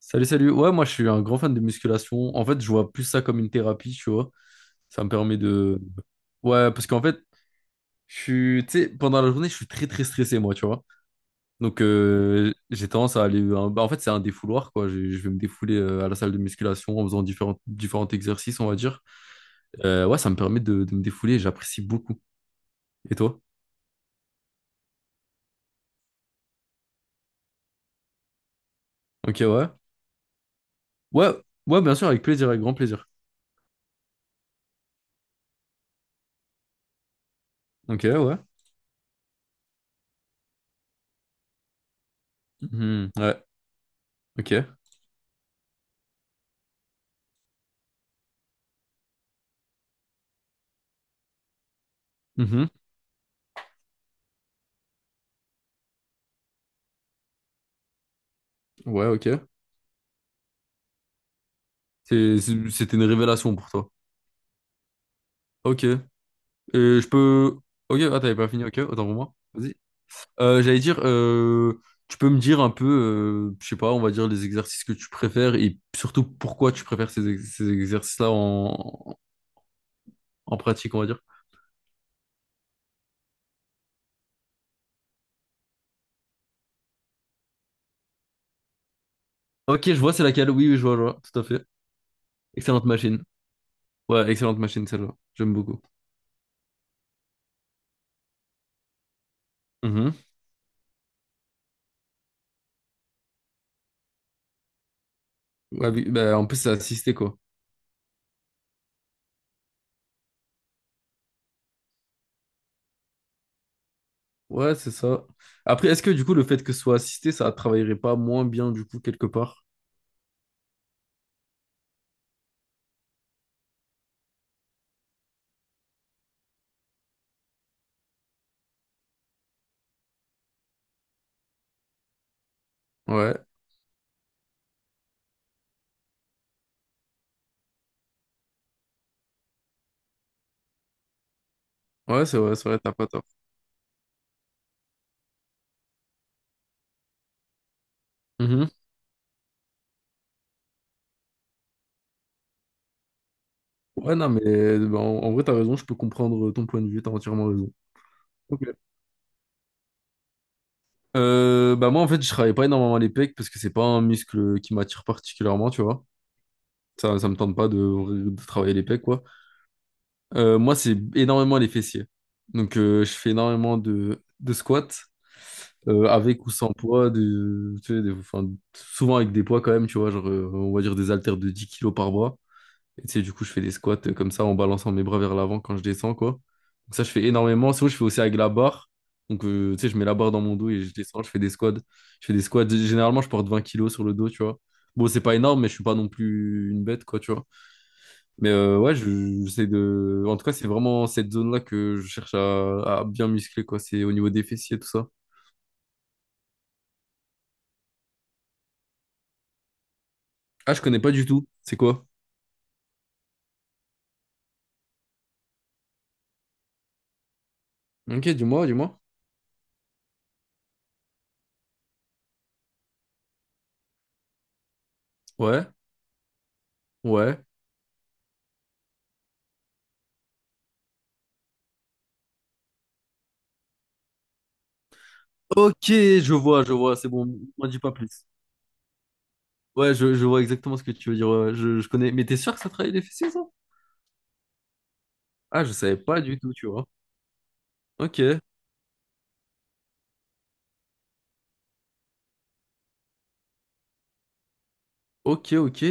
Salut, salut. Ouais, moi, je suis un grand fan de musculation. En fait, je vois plus ça comme une thérapie, tu vois. Ça me permet de. Ouais, parce qu'en fait, je suis. Tu sais, pendant la journée, je suis très, très stressé, moi, tu vois. Donc, j'ai tendance à aller. Bah, en fait, c'est un défouloir, quoi. Je vais me défouler à la salle de musculation en faisant différents, différents exercices, on va dire. Ouais, ça me permet de me défouler. J'apprécie beaucoup. Et toi? Ok, ouais. Ouais, ouais, bien sûr, avec plaisir, avec grand plaisir. Ok, ouais. Mhm, ouais, ok. Mhm, ouais, ok. C'était une révélation pour toi. Ok. Et je peux. Ok, ah, t'avais pas fini, ok, autant pour moi. Vas-y. J'allais dire, tu peux me dire un peu, je sais pas, on va dire les exercices que tu préfères et surtout pourquoi tu préfères ces, ces exercices-là en pratique, on va dire. Ok, je vois, c'est laquelle. Oui, oui, je vois, tout à fait. Excellente machine. Ouais, excellente machine, celle-là. J'aime beaucoup. Mhm. Ouais, oui, bah, en plus, c'est assisté, quoi. Ouais, c'est ça. Après, est-ce que du coup, le fait que ce soit assisté, ça travaillerait pas moins bien, du coup, quelque part? Ouais. Ouais, c'est vrai, t'as pas tort. Mhm. Ouais, non, mais bah, en vrai, t'as raison, je peux comprendre ton point de vue, t'as entièrement raison. Ok. Bah moi, en fait, je travaille pas énormément les pecs parce que c'est pas un muscle qui m'attire particulièrement, tu vois. Ça me tente pas de travailler les pecs, quoi. Moi, c'est énormément les fessiers. Donc, je fais énormément de squats avec ou sans poids, de, tu sais, enfin, souvent avec des poids quand même, tu vois, genre, on va dire des haltères de 10 kilos par bras. Et tu sais, du coup, je fais des squats comme ça en balançant mes bras vers l'avant quand je descends, quoi. Donc ça, je fais énormément. Sinon, je fais aussi avec la barre. Donc, tu sais, je mets la barre dans mon dos et je descends, je fais des squats. Je fais des squats. Généralement, je porte 20 kilos sur le dos, tu vois. Bon, c'est pas énorme, mais je suis pas non plus une bête, quoi, tu vois. Mais ouais, j'essaie de. En tout cas, c'est vraiment cette zone-là que je cherche à bien muscler, quoi. C'est au niveau des fessiers, tout ça. Ah, je connais pas du tout. C'est quoi? Ok, dis-moi, dis-moi. Ouais, ouais. Ok, je vois, c'est bon, m'en dis pas plus. Ouais, je vois exactement ce que tu veux dire. Ouais, je connais. Mais t'es sûr que ça travaille les fessiers, ça? Ah, je savais pas du tout, tu vois. Ok, ok, ok.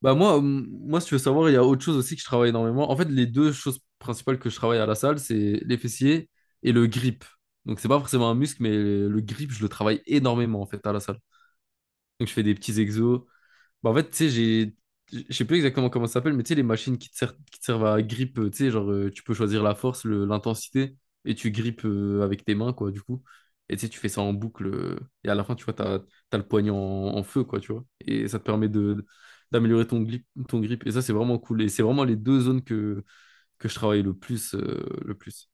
Bah moi, si tu veux savoir, il y a autre chose aussi que je travaille énormément. En fait, les deux choses principales que je travaille à la salle, c'est les fessiers et le grip. Donc c'est pas forcément un muscle, mais le grip, je le travaille énormément en fait à la salle. Donc je fais des petits exos. Bah, en fait, tu sais, j'ai. Je sais plus exactement comment ça s'appelle, mais tu sais, les machines qui te servent à grip, tu sais, genre, tu peux choisir la force, l'intensité, et tu grippes avec tes mains, quoi, du coup. Et tu sais, tu fais ça en boucle, et à la fin, tu vois, t'as le poignet en feu, quoi, tu vois. Et ça te permet d'améliorer ton grip, ton grip. Et ça, c'est vraiment cool. Et c'est vraiment les deux zones que je travaille le plus, le plus.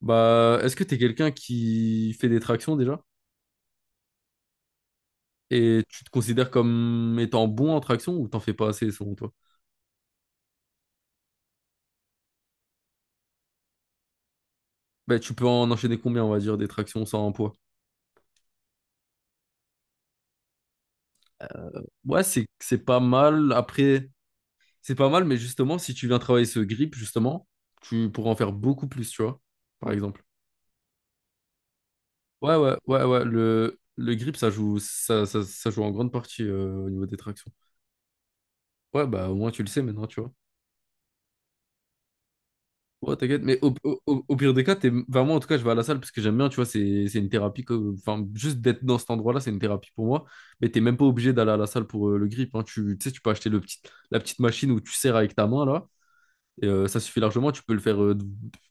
Bah, est-ce que t'es quelqu'un qui fait des tractions déjà? Et tu te considères comme étant bon en traction ou t'en fais pas assez selon toi? Ben tu peux en enchaîner combien, on va dire, des tractions sans un poids? Ouais, c'est pas mal. Après, c'est pas mal, mais justement, si tu viens travailler ce grip, justement, tu pourras en faire beaucoup plus, tu vois, par exemple. Ouais, ouais, ouais, ouais. Le grip, ça joue en grande partie au niveau des tractions. Ouais, bah au moins tu le sais maintenant, tu vois. Ouais, t'inquiète, mais au pire des cas, t'es. Enfin, moi, en tout cas, je vais à la salle parce que j'aime bien, tu vois, c'est une thérapie. Enfin, juste d'être dans cet endroit-là, c'est une thérapie pour moi. Mais t'es même pas obligé d'aller à la salle pour le grip, hein. Tu sais, tu peux acheter le petit. La petite machine où tu serres avec ta main, là. Et, ça suffit largement. Tu peux le faire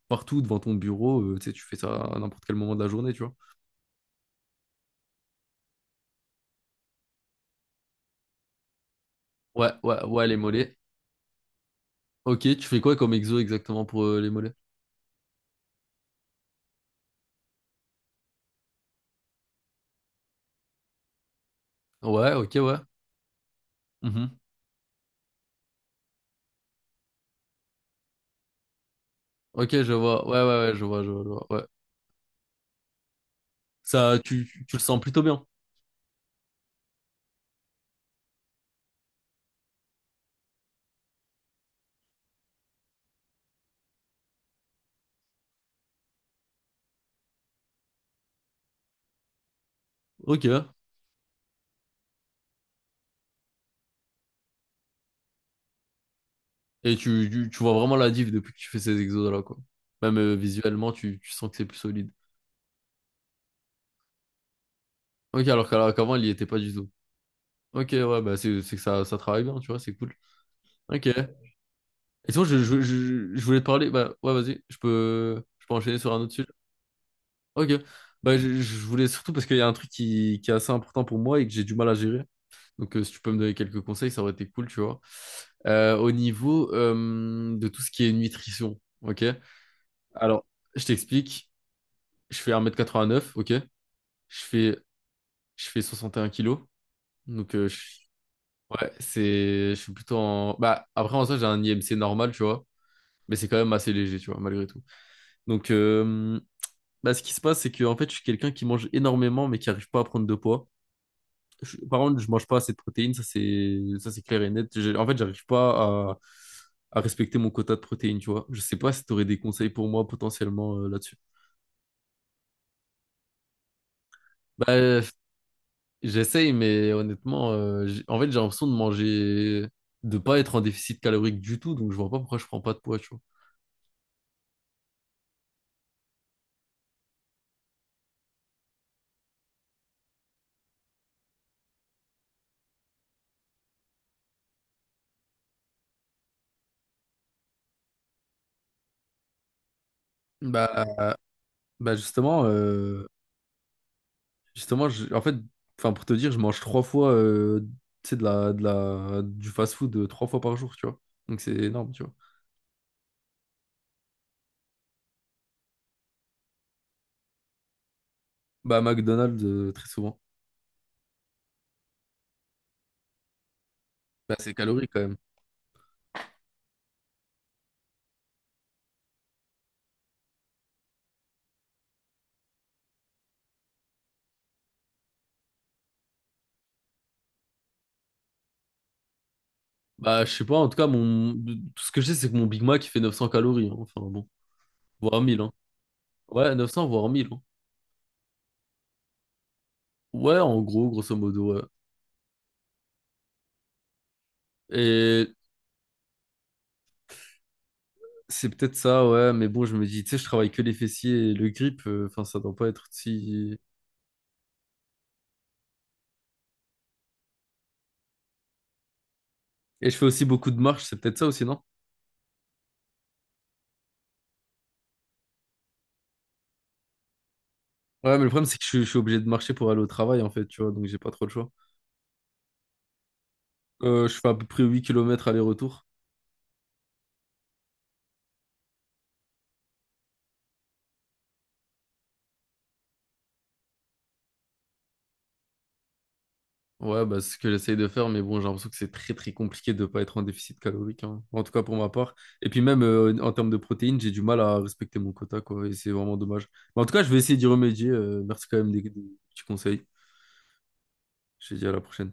partout, devant ton bureau. Tu sais, tu fais ça à n'importe quel moment de la journée, tu vois. Ouais, ouais, ouais, les mollets. Ok, tu fais quoi comme exo exactement pour les mollets? Ouais, ok, ouais. Mhm. Ok, je vois. Ouais, ouais, ouais, je vois, je vois, je vois. Ouais. Ça, tu le sens plutôt bien. Ok. Et tu vois vraiment la diff depuis que tu fais ces exos-là, quoi. Même visuellement, tu sens que c'est plus solide. Ok, alors qu'avant, il y était pas du tout. Ok, ouais, bah c'est que ça travaille bien, tu vois, c'est cool. Ok. Et sinon, je voulais te parler. Bah, ouais, vas-y, je peux enchaîner sur un autre sujet. Ok. Bah, je voulais surtout parce qu'il y a un truc qui est assez important pour moi et que j'ai du mal à gérer. Donc, si tu peux me donner quelques conseils, ça aurait été cool, tu vois. Au niveau de tout ce qui est nutrition, ok? Alors, je t'explique. Je fais 1,89 m, ok. Je fais, je fais 61 kilos. Donc, ouais, c'est, je suis plutôt en. Bah, après, en soi, j'ai un IMC normal, tu vois. Mais c'est quand même assez léger, tu vois, malgré tout. Donc, bah, ce qui se passe, c'est que, en fait, je suis quelqu'un qui mange énormément, mais qui arrive pas à prendre de poids. Par contre, je mange pas assez de protéines, ça, c'est clair et net. En fait, j'arrive pas à respecter mon quota de protéines, tu vois. Je sais pas si tu aurais des conseils pour moi potentiellement là-dessus. Bah, j'essaye, mais honnêtement, en fait, j'ai l'impression de manger, de pas être en déficit calorique du tout, donc je vois pas pourquoi je prends pas de poids, tu vois. Bah, bah, justement, justement, en fait, enfin pour te dire, je mange trois fois, tu sais, du fast-food trois fois par jour, tu vois. Donc c'est énorme, tu vois. Bah McDonald's très souvent. Bah c'est calorique quand même. Bah, je sais pas, en tout cas, mon. Tout ce que je sais, c'est que mon Big Mac, il fait 900 calories, hein. Enfin, bon, voire 1000, hein. Ouais, 900, voire 1000, hein. Ouais, en gros, grosso modo, ouais. Et c'est peut-être ça, ouais, mais bon, je me dis, tu sais, je travaille que les fessiers et le grip, enfin, ça doit pas être si. Et je fais aussi beaucoup de marches, c'est peut-être ça aussi, non? Ouais, mais le problème, c'est que je suis obligé de marcher pour aller au travail, en fait, tu vois, donc j'ai pas trop le choix. Je fais à peu près 8 kilomètres aller-retour. Ouais, bah, c'est ce que j'essaye de faire, mais bon, j'ai l'impression que c'est très très compliqué de ne pas être en déficit calorique, hein. En tout cas pour ma part. Et puis même en termes de protéines, j'ai du mal à respecter mon quota, quoi, et c'est vraiment dommage. Mais en tout cas, je vais essayer d'y remédier. Merci quand même des petits conseils. Je te dis à la prochaine.